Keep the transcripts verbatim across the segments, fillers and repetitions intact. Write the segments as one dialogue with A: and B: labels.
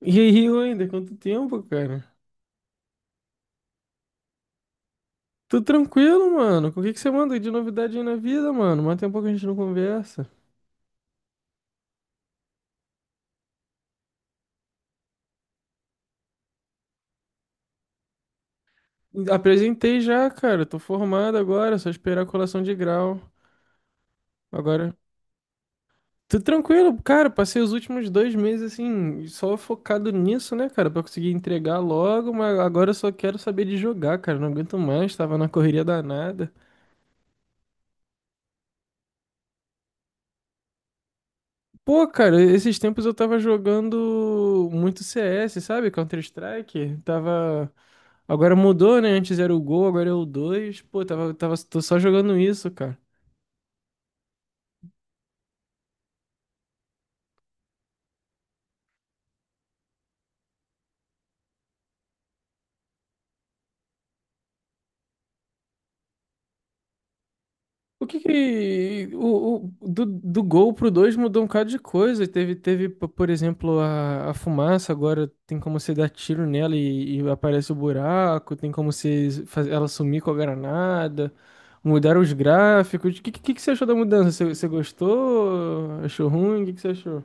A: E aí, Wender, quanto tempo, cara? Tô tranquilo, mano. O que que você manda aí de novidade aí na vida, mano? Mas tem um pouco que a gente não conversa. Apresentei já, cara. Tô formado agora, é só esperar a colação de grau. Agora, tô tranquilo, cara. Passei os últimos dois meses, assim, só focado nisso, né, cara? Pra conseguir entregar logo, mas agora eu só quero saber de jogar, cara. Não aguento mais, tava na correria danada. Pô, cara, esses tempos eu tava jogando muito C S, sabe? Counter-Strike. Tava. Agora mudou, né? Antes era o Gol, agora é o dois. Pô, tava, tava, tô só jogando isso, cara. O que que o, o- do, do Gol pro dois mudou um bocado de coisa. Teve, teve, p- por exemplo, a, a fumaça, agora tem como você dar tiro nela e, e aparece o buraco, tem como você fazer ela sumir com a granada. Mudaram os gráficos. O que, que, que você achou da mudança? Você, você gostou? Achou ruim? O que, que você achou?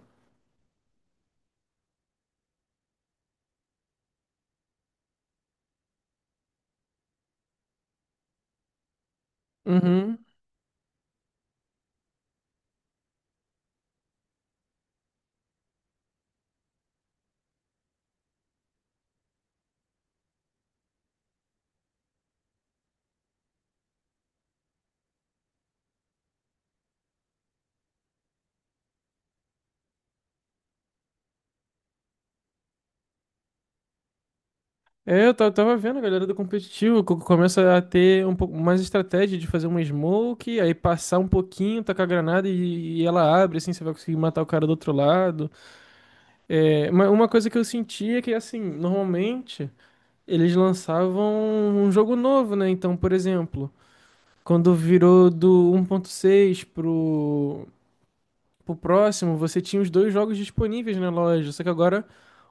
A: É, eu ta- tava vendo a galera do competitivo, co- começa a ter um pouco mais estratégia de fazer uma smoke, aí passar um pouquinho, tacar a granada e, e ela abre, assim, você vai conseguir matar o cara do outro lado. É, uma, uma coisa que eu sentia é que, assim, normalmente eles lançavam um jogo novo, né? Então, por exemplo, quando virou do um ponto seis pro, pro próximo, você tinha os dois jogos disponíveis na loja, só que agora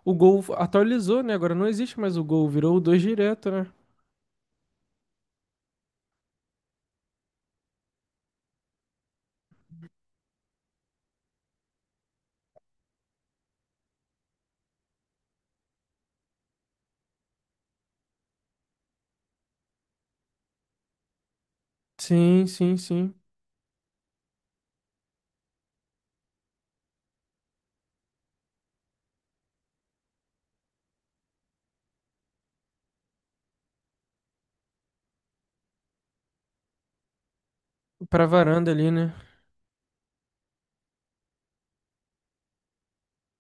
A: o Gol atualizou, né? Agora não existe mais o Gol, virou o dois direto, né? Sim, sim, sim. Pra varanda ali, né?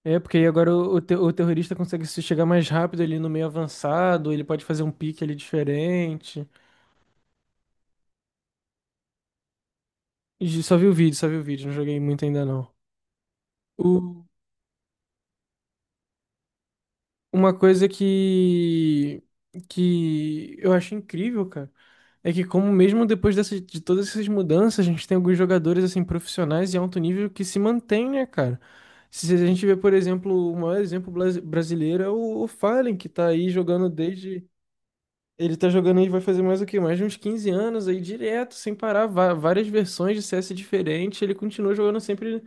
A: É, porque aí agora o, o, te- o terrorista consegue se chegar mais rápido ali no meio avançado, ele pode fazer um pique ali diferente. E só vi o vídeo, só vi o vídeo, não joguei muito ainda não. O- uma coisa que, que eu acho incrível, cara, é que como mesmo depois dessa de todas essas mudanças, a gente tem alguns jogadores, assim, profissionais e alto nível que se mantém, né, cara? Se a gente vê, por exemplo, o maior exemplo blas- brasileiro é o, o Fallen, que tá aí jogando desde. Ele tá jogando aí, vai fazer mais o quê? Mais de uns quinze anos aí, direto, sem parar, va- várias versões de C S diferentes. Ele continua jogando sempre,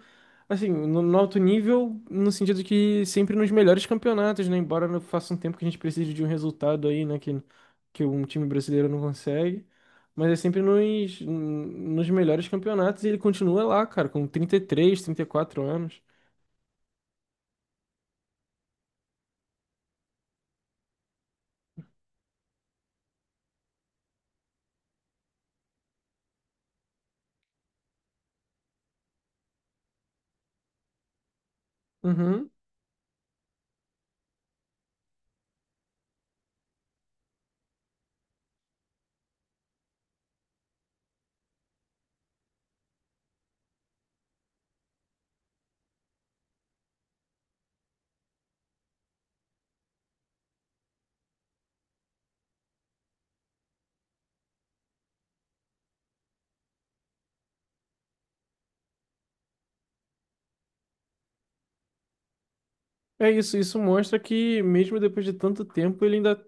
A: assim, no, no alto nível, no sentido que sempre nos melhores campeonatos, né? Embora não faça um tempo que a gente precise de um resultado aí, né? Que, que um time brasileiro não consegue. Mas é sempre nos, nos melhores campeonatos e ele continua lá, cara, com trinta trinta e três, trinta e quatro anos. Uhum. É isso, isso mostra que mesmo depois de tanto tempo, ele ainda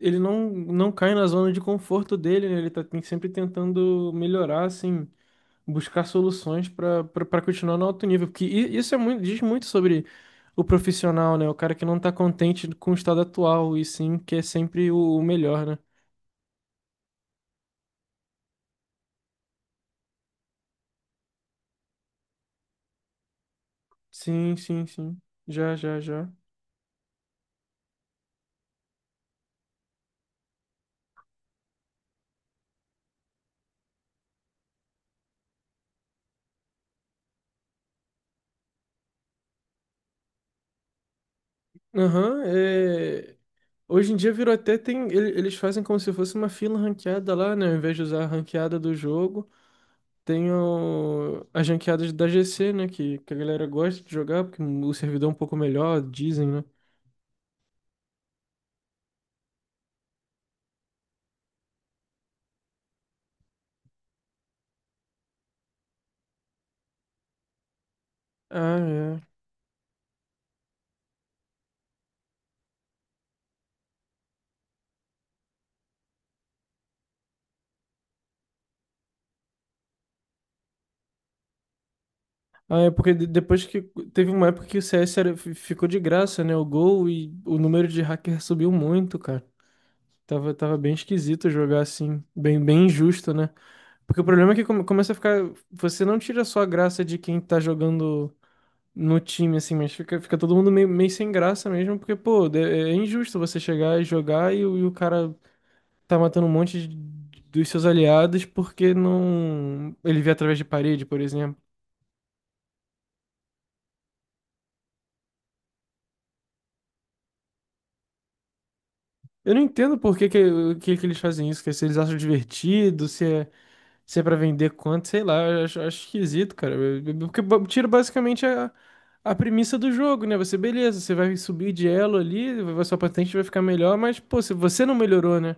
A: ele não, não cai na zona de conforto dele, né? Ele tá tem- sempre tentando melhorar, assim, buscar soluções para para continuar no alto nível, porque i- isso é muito, diz muito sobre o profissional, né? O cara que não tá contente com o estado atual e sim quer sempre o, o melhor, né? Sim, sim, sim. Já, já, já. Aham. é... Hoje em dia virou até tem. ele- Eles fazem como se fosse uma fila ranqueada lá, né? Ao invés de usar a ranqueada do jogo. Tem o- as ranqueadas da G C, né? Que, que a galera gosta de jogar, porque o servidor é um pouco melhor, dizem, né? Ah, é. Ah, é porque de- depois que. Teve uma época que o C S era- fi- ficou de graça, né? O Gol e o número de hacker subiu muito, cara. Tava, tava bem esquisito jogar assim. Bem, bem injusto, né? Porque o problema é que come- começa a ficar. Você não tira só a graça de quem tá jogando no time, assim, mas fica, fica todo mundo meio, meio sem graça mesmo, porque, pô, de- é é injusto você chegar e jogar e, o e o cara tá matando um monte de- dos seus aliados porque não. Ele vê através de parede, por exemplo. Eu não entendo por que que, o que, que eles fazem isso, que se eles acham divertido, se é, se é pra vender quanto, sei lá, eu acho, acho esquisito, cara. Eu- eu- Porque ba- tira basicamente a, a premissa do jogo, né? Você, beleza, você vai subir de elo ali, a sua patente vai ficar melhor, mas, pô, se você não melhorou, né?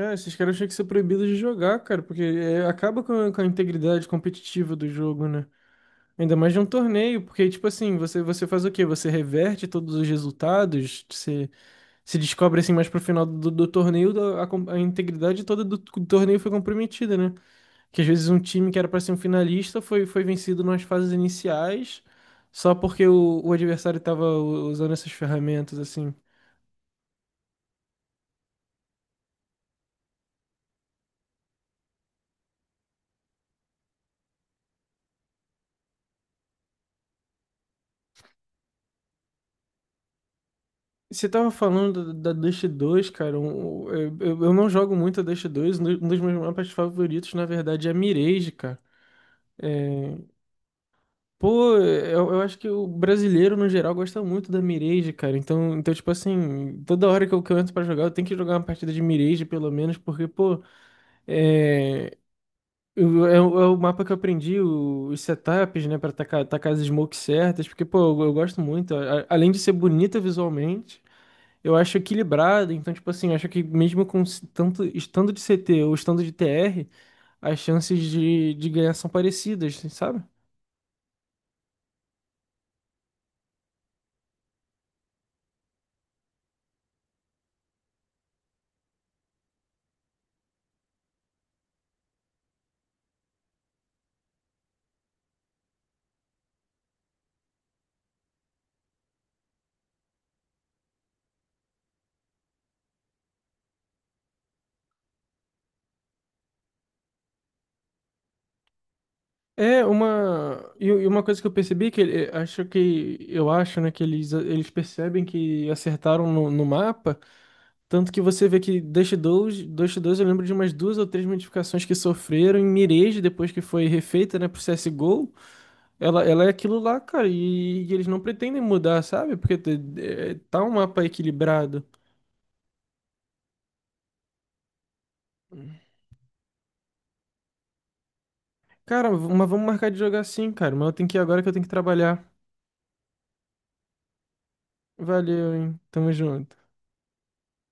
A: Ah, esses caras tinham que ser proibidos de jogar, cara, porque é, acaba com a, com a integridade competitiva do jogo, né? Ainda mais de um torneio, porque, tipo assim, você, você faz o quê? Você reverte todos os resultados, você se descobre, assim, mais pro final do, do torneio, da- a, com- a integridade toda do, do torneio foi comprometida, né? Que às vezes um time que era pra ser um finalista foi, foi vencido nas fases iniciais, só porque o, o adversário tava u- usando essas ferramentas, assim. Você tava falando da, da Dust dois, cara, um- um, eu, eu eu não jogo muito a Dust dois, um dos um dos meus mapas favoritos, na verdade, é a Mirage, cara. É, Pô, eu, eu acho que o brasileiro, no geral, gosta muito da Mirage, cara. Então, então tipo assim, toda hora que eu, que eu entro pra jogar, eu tenho que jogar uma partida de Mirage, pelo menos, porque, pô, é, eu- é, o é o mapa que eu aprendi, o- os setups, né, pra tacar, tacar as smokes certas, porque, pô, eu, eu gosto muito. A- a- além de ser bonita visualmente, eu acho equilibrado. Então, tipo assim, eu acho que mesmo com s- tanto estando de C T ou estando de T R, as chances de, de ganhar são parecidas, sabe? É uma e e uma coisa que eu percebi que ele- acho que eu acho, né, que eles eles percebem que acertaram no, no mapa, tanto que você vê que Dust dois, Dust dois eu lembro de umas duas ou três modificações que sofreram em Mirage depois que foi refeita, né, pro C S G O, ela ela é aquilo lá, cara, e, e eles não pretendem mudar, sabe? Porque te- é, tá um mapa equilibrado. Cara, mas vamos marcar de jogar sim, cara, mas eu tenho que ir agora que eu tenho que trabalhar. Valeu, hein. Tamo junto.